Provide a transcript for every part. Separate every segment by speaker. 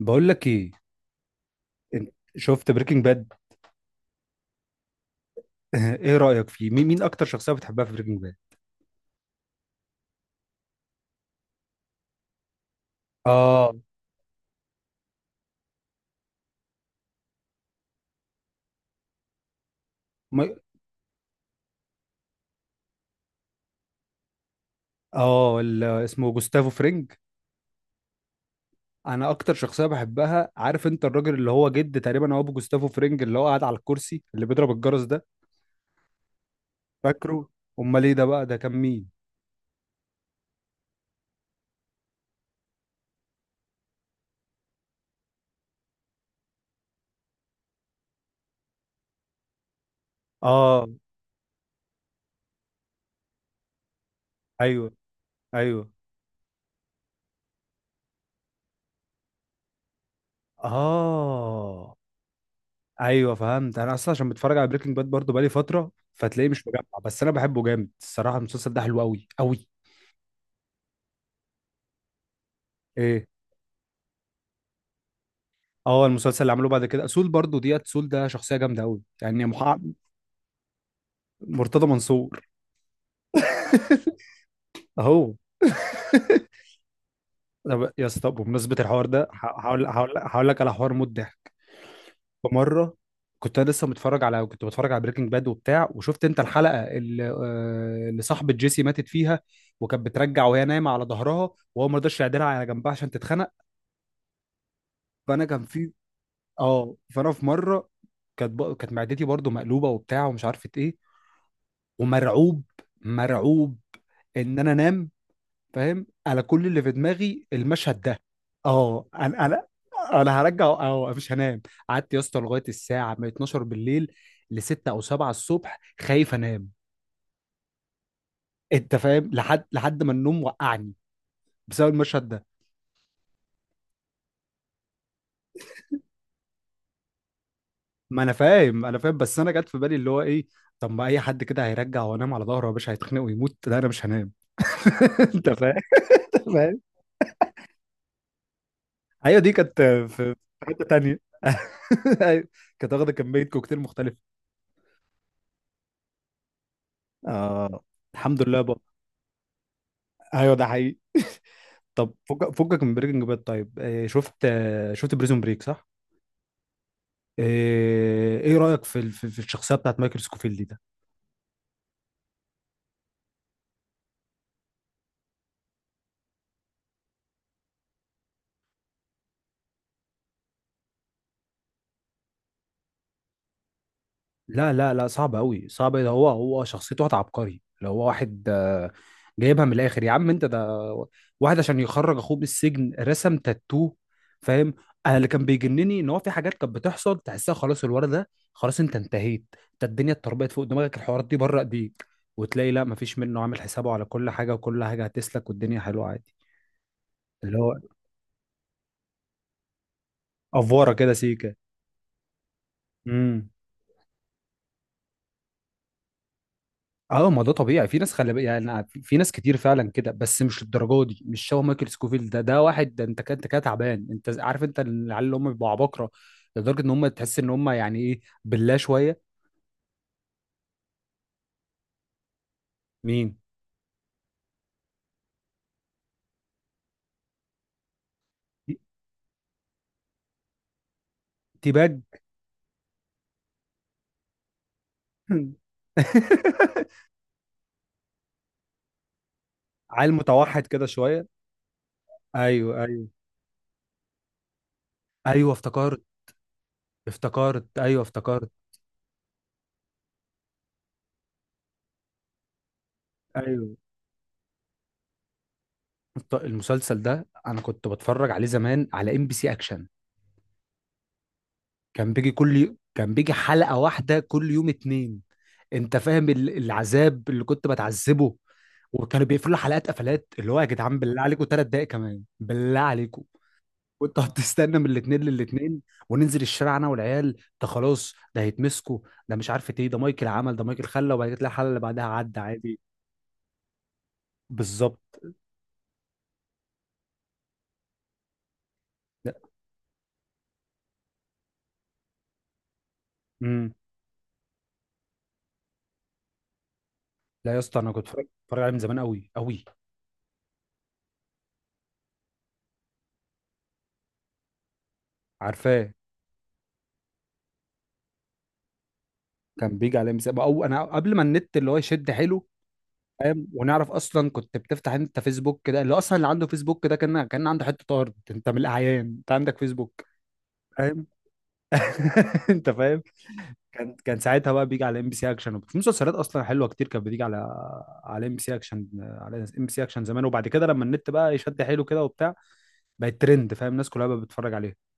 Speaker 1: بقول لك ايه. انت شفت بريكنج باد؟ ايه رأيك فيه؟ مين اكتر شخصية بتحبها في بريكنج باد؟ اه ما... اه اسمه جوستافو فرينج. انا اكتر شخصية بحبها، عارف انت، الراجل اللي هو جد تقريبا، او ابو جوستافو فرينج، اللي هو قاعد على الكرسي اللي بيضرب الجرس ده. فاكره؟ امال ايه ده بقى؟ ده كان مين؟ اه، ايوه، ايوه. اه، ايوه فهمت. انا اصلا عشان بتفرج على بريكنج باد برضه بقالي فترة، فتلاقيه مش مجمع، بس انا بحبه جامد الصراحة. المسلسل ده حلو قوي قوي. ايه؟ اه، المسلسل اللي عملوه بعد كده سول، برضو ديت سول، ده شخصيه جامده قوي يعني مرتضى منصور. اهو. طب يا اسطى بمناسبه الحوار ده هقول لك على حوار موت ضحك. فمره كنت انا لسه متفرج على كنت بتفرج على بريكنج باد وبتاع، وشفت انت الحلقه اللي صاحبه جيسي ماتت فيها، وكانت بترجع وهي نايمه على ظهرها، وهو ما رضاش يعدلها على جنبها عشان تتخنق. فانا كان في اه فانا في مره كانت معدتي برضو مقلوبه وبتاع ومش عارفه ايه، ومرعوب، مرعوب ان انا انام. فاهم؟ انا كل اللي في دماغي المشهد ده. اه، انا هرجع، اه، مش هنام. قعدت يا اسطى لغايه الساعه من 12 بالليل ل 6 او 7 الصبح خايف انام. انت فاهم؟ لحد ما النوم وقعني بسبب المشهد ده. ما انا فاهم، انا فاهم، بس انا جت في بالي اللي هو ايه. طب ما اي حد كده هيرجع وانام على ظهره يا باشا هيتخنق ويموت. لا، انا مش هنام. انت فاهم؟ ايوه، دي كانت في حته تانية. أيوة، كانت واخده كميه كوكتيل مختلفه. اه، الحمد لله بقى. ايوه، ده حقيقي. طب فكك من بريكنج باد، طيب، شفت بريزون بريك صح؟ ايه رايك في في الشخصيه بتاعت مايكل سكوفيلد دي؟ لا لا لا، صعب قوي، صعب. ده هو شخصيته واحد عبقري، لو هو واحد، جايبها من الاخر يا عم انت. ده واحد عشان يخرج اخوه من السجن رسم تاتو. فاهم؟ انا اللي كان بيجنني ان هو في حاجات كانت بتحصل تحسها خلاص، الولد ده خلاص انت انتهيت، انت الدنيا اتربيت فوق دماغك، الحوارات دي بره ايديك. وتلاقي لا، مفيش، منه عامل حسابه على كل حاجه، وكل حاجه هتسلك، والدنيا حلوه عادي. اللي هو افوره كده سيكه. امم اه، ما ده طبيعي. في ناس، خلي بالك يعني، في ناس كتير فعلا كده، بس مش للدرجه دي. مش شبه مايكل سكوفيل. ده واحد ده، انت كده تعبان. عارف انت العيال اللي هم بيبقوا عباقره لدرجه ان هم، تحس ان هم يعني ايه، بالله شويه. مين؟ تي- تيباج. عيل متوحد كده شويه. ايوه ايوه. ايوه افتكرت. افتكرت، ايوه افتكرت. ايوه المسلسل ده انا كنت بتفرج عليه زمان على ام بي سي اكشن. كان بيجي كان بيجي حلقة واحدة كل يوم اتنين. انت فاهم العذاب اللي كنت بتعذبه؟ وكانوا بيقفلوا حلقات، قفلات اللي هو يا جدعان بالله عليكم 3 دقايق كمان بالله عليكم. وانت هتستنى من الاثنين للاثنين. وننزل الشارع انا والعيال، ده خلاص ده هيتمسكوا، ده مش عارف ايه، ده مايكل عمل، ده مايكل خلى، وبعد كده تلاقي الحلقه اللي بعدها عدى عادي. بالظبط. لا. امم لا يا اسطى، انا كنت اتفرج عليه من زمان قوي قوي. عارفاه. كان بيجي عليه من زمان، او انا قبل ما النت اللي هو يشد حلو. فاهم؟ ونعرف اصلا كنت بتفتح انت فيسبوك كده، اللي اصلا اللي عنده فيسبوك ده كان عنده حته ارض، انت من الاعيان، انت عندك فيسبوك. فاهم؟ انت فاهم؟ كان ساعتها بقى بيجي على ام بي سي اكشن، وفي مسلسلات اصلا حلوه كتير كانت بتيجي على، على ام بي سي اكشن، على ام بي سي اكشن زمان. وبعد كده لما النت بقى يشد حيله كده وبتاع، بقت ترند. فاهم؟ الناس كلها بقت بتتفرج عليه.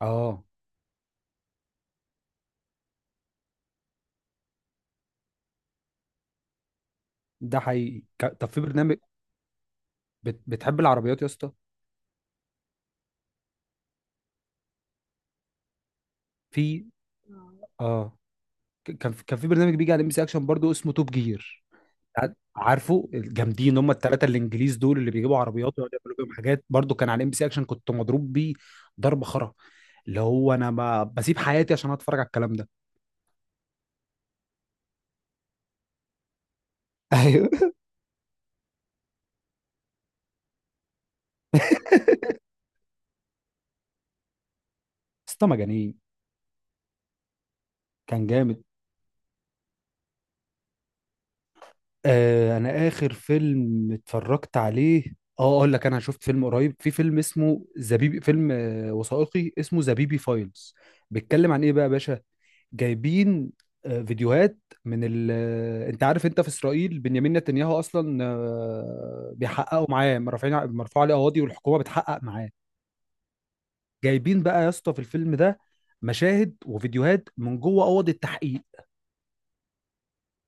Speaker 1: اه، ده حقيقي. طب في برنامج، بتحب العربيات يا اسطى؟ في، اه، كان في برنامج بيجي على ام بي سي اكشن برضو اسمه توب جير. عارفه الجامدين، هم الثلاثه الانجليز دول اللي بيجيبوا عربيات ويقعدوا يعملوا بيهم حاجات. برضو كان على ام بي سي اكشن. كنت مضروب بيه ضرب خرا. اللي هو انا ما بسيب حياتي عشان اتفرج على الكلام ده. ايوه. اسطى مجانين. كان جامد. انا اخر فيلم اتفرجت عليه، اه، اقول لك، انا شفت فيلم قريب. في فيلم اسمه زبيبي، فيلم وثائقي اسمه زبيبي فايلز. بيتكلم عن ايه بقى يا باشا؟ جايبين فيديوهات من ال... آه، انت عارف، انت في اسرائيل، بنيامين نتنياهو اصلا بيحققوا معاه، مرفوعين، مرفوع عليه قواضي، والحكومه بتحقق معاه. جايبين بقى يا اسطى في الفيلم ده مشاهد وفيديوهات من جوه اوض التحقيق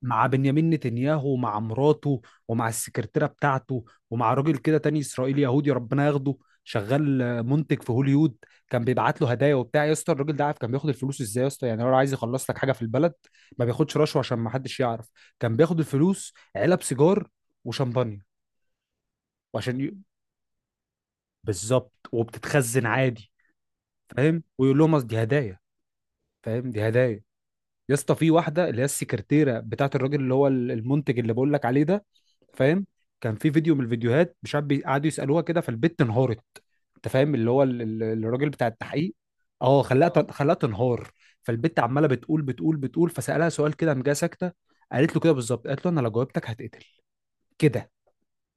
Speaker 1: مع بنيامين نتنياهو، ومع مراته، ومع السكرتيرة بتاعته، ومع راجل كده تاني إسرائيلي يهودي ربنا ياخده، شغال منتج في هوليوود. كان بيبعت له هدايا وبتاع. يا اسطى الراجل ده، عارف كان بياخد الفلوس ازاي يا اسطى؟ يعني هو لو عايز يخلص لك حاجة في البلد، ما بياخدش رشوة عشان ما حدش يعرف. كان بياخد الفلوس علب سيجار، وشمبانيا، وعشان ي... بالظبط، وبتتخزن عادي. فاهم؟ ويقول لهم أصل دي هدايا. فاهم؟ دي هدايا. يا اسطى في واحده، اللي هي السكرتيره بتاعت الراجل اللي هو المنتج اللي بقول لك عليه ده، فاهم؟ كان في فيديو من الفيديوهات مش عارف، قعدوا يسالوها كده، فالبت انهارت. انت فاهم اللي هو، الراجل بتاع التحقيق. اه، خلاها تنهار. فالبت عماله بتقول. فسالها سؤال كده، قام جايه ساكته. قالت له كده بالظبط، قالت له: انا لو جاوبتك هتقتل كده.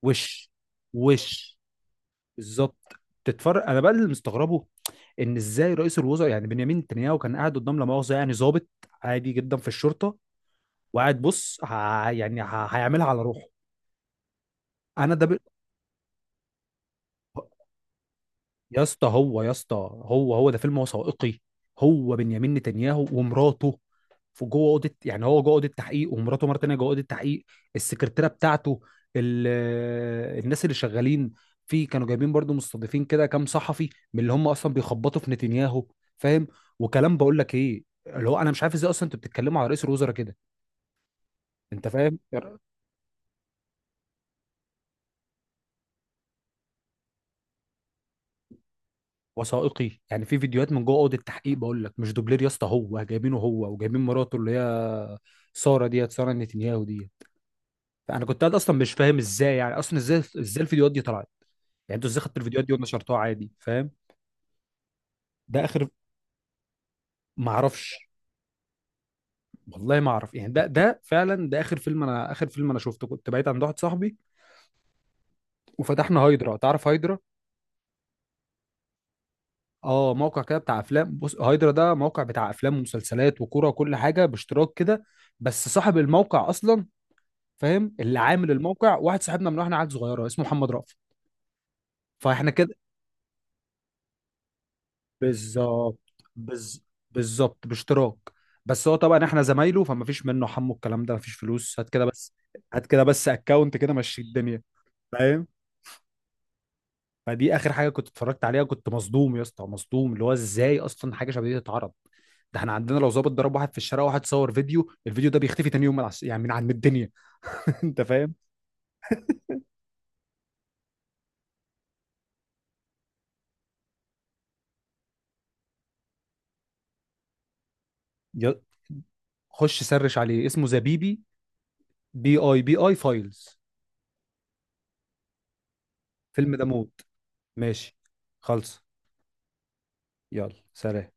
Speaker 1: وش وش بالظبط. تتفرج، انا بقى اللي مستغربه ان ازاي رئيس الوزراء يعني بنيامين نتنياهو كان قاعد قدام، لا مؤاخذه يعني، ضابط عادي جدا في الشرطه. وقاعد بص، يعني هيعملها على روحه. انا يا اسطى، هو ده فيلم، هو وثائقي. هو بنيامين نتنياهو ومراته، في جوه اوضه، يعني هو جوه اوضه تحقيق، ومراته مره تانيه جوه اوضه تحقيق. السكرتيره بتاعته. ال... الناس اللي شغالين في، كانوا جايبين برضو، مستضيفين كده كام صحفي من اللي هم اصلا بيخبطوا في نتنياهو. فاهم؟ وكلام. بقول لك ايه اللي هو: انا مش عارف ازاي اصلا انتوا بتتكلموا على رئيس الوزراء كده. انت فاهم؟ وثائقي. يعني في فيديوهات من جوه اوضه التحقيق، بقول لك مش دوبلير يا اسطى، هو جايبينه هو وجايبين مراته اللي هي ساره، ديت ساره نتنياهو، ديت. فانا كنت قاعد اصلا مش فاهم ازاي، يعني اصلا ازاي، ازاي الفيديوهات دي طلعت. يعني انتوا ازاي خدتوا الفيديوهات دي ونشرتوها عادي؟ فاهم؟ ده اخر ما اعرفش، والله ما اعرف. يعني ده فعلا، ده اخر فيلم انا، اخر فيلم انا شفته كنت بعيد عند واحد صاحبي، وفتحنا هايدرا. تعرف هايدرا؟ اه، موقع كده بتاع افلام. بص، هايدرا ده موقع بتاع افلام ومسلسلات وكوره وكل حاجه باشتراك كده. بس صاحب الموقع اصلا، فاهم، اللي عامل الموقع، واحد صاحبنا من واحنا عيال صغيره، اسمه محمد رأفت. فاحنا كده، بالظبط، بز... بالظبط باشتراك. بس هو طبعا احنا زمايله، فما فيش منه حمو الكلام ده، ما فيش فلوس، هات كده بس. هات كده بس اكونت، كده مشي الدنيا. فاهم؟ فدي اخر حاجه كنت اتفرجت عليها. كنت مصدوم يا اسطى، مصدوم اللي هو ازاي اصلا حاجه شبه دي تتعرض. ده احنا عندنا لو ظابط ضرب واحد في الشارع، واحد صور فيديو، الفيديو ده بيختفي تاني يوم من يعني من عن الدنيا. انت فاهم؟ يا- خش سرش عليه اسمه زبيبي، BIBI Files. الفيلم ده موت. ماشي. خلص. يلا سلام.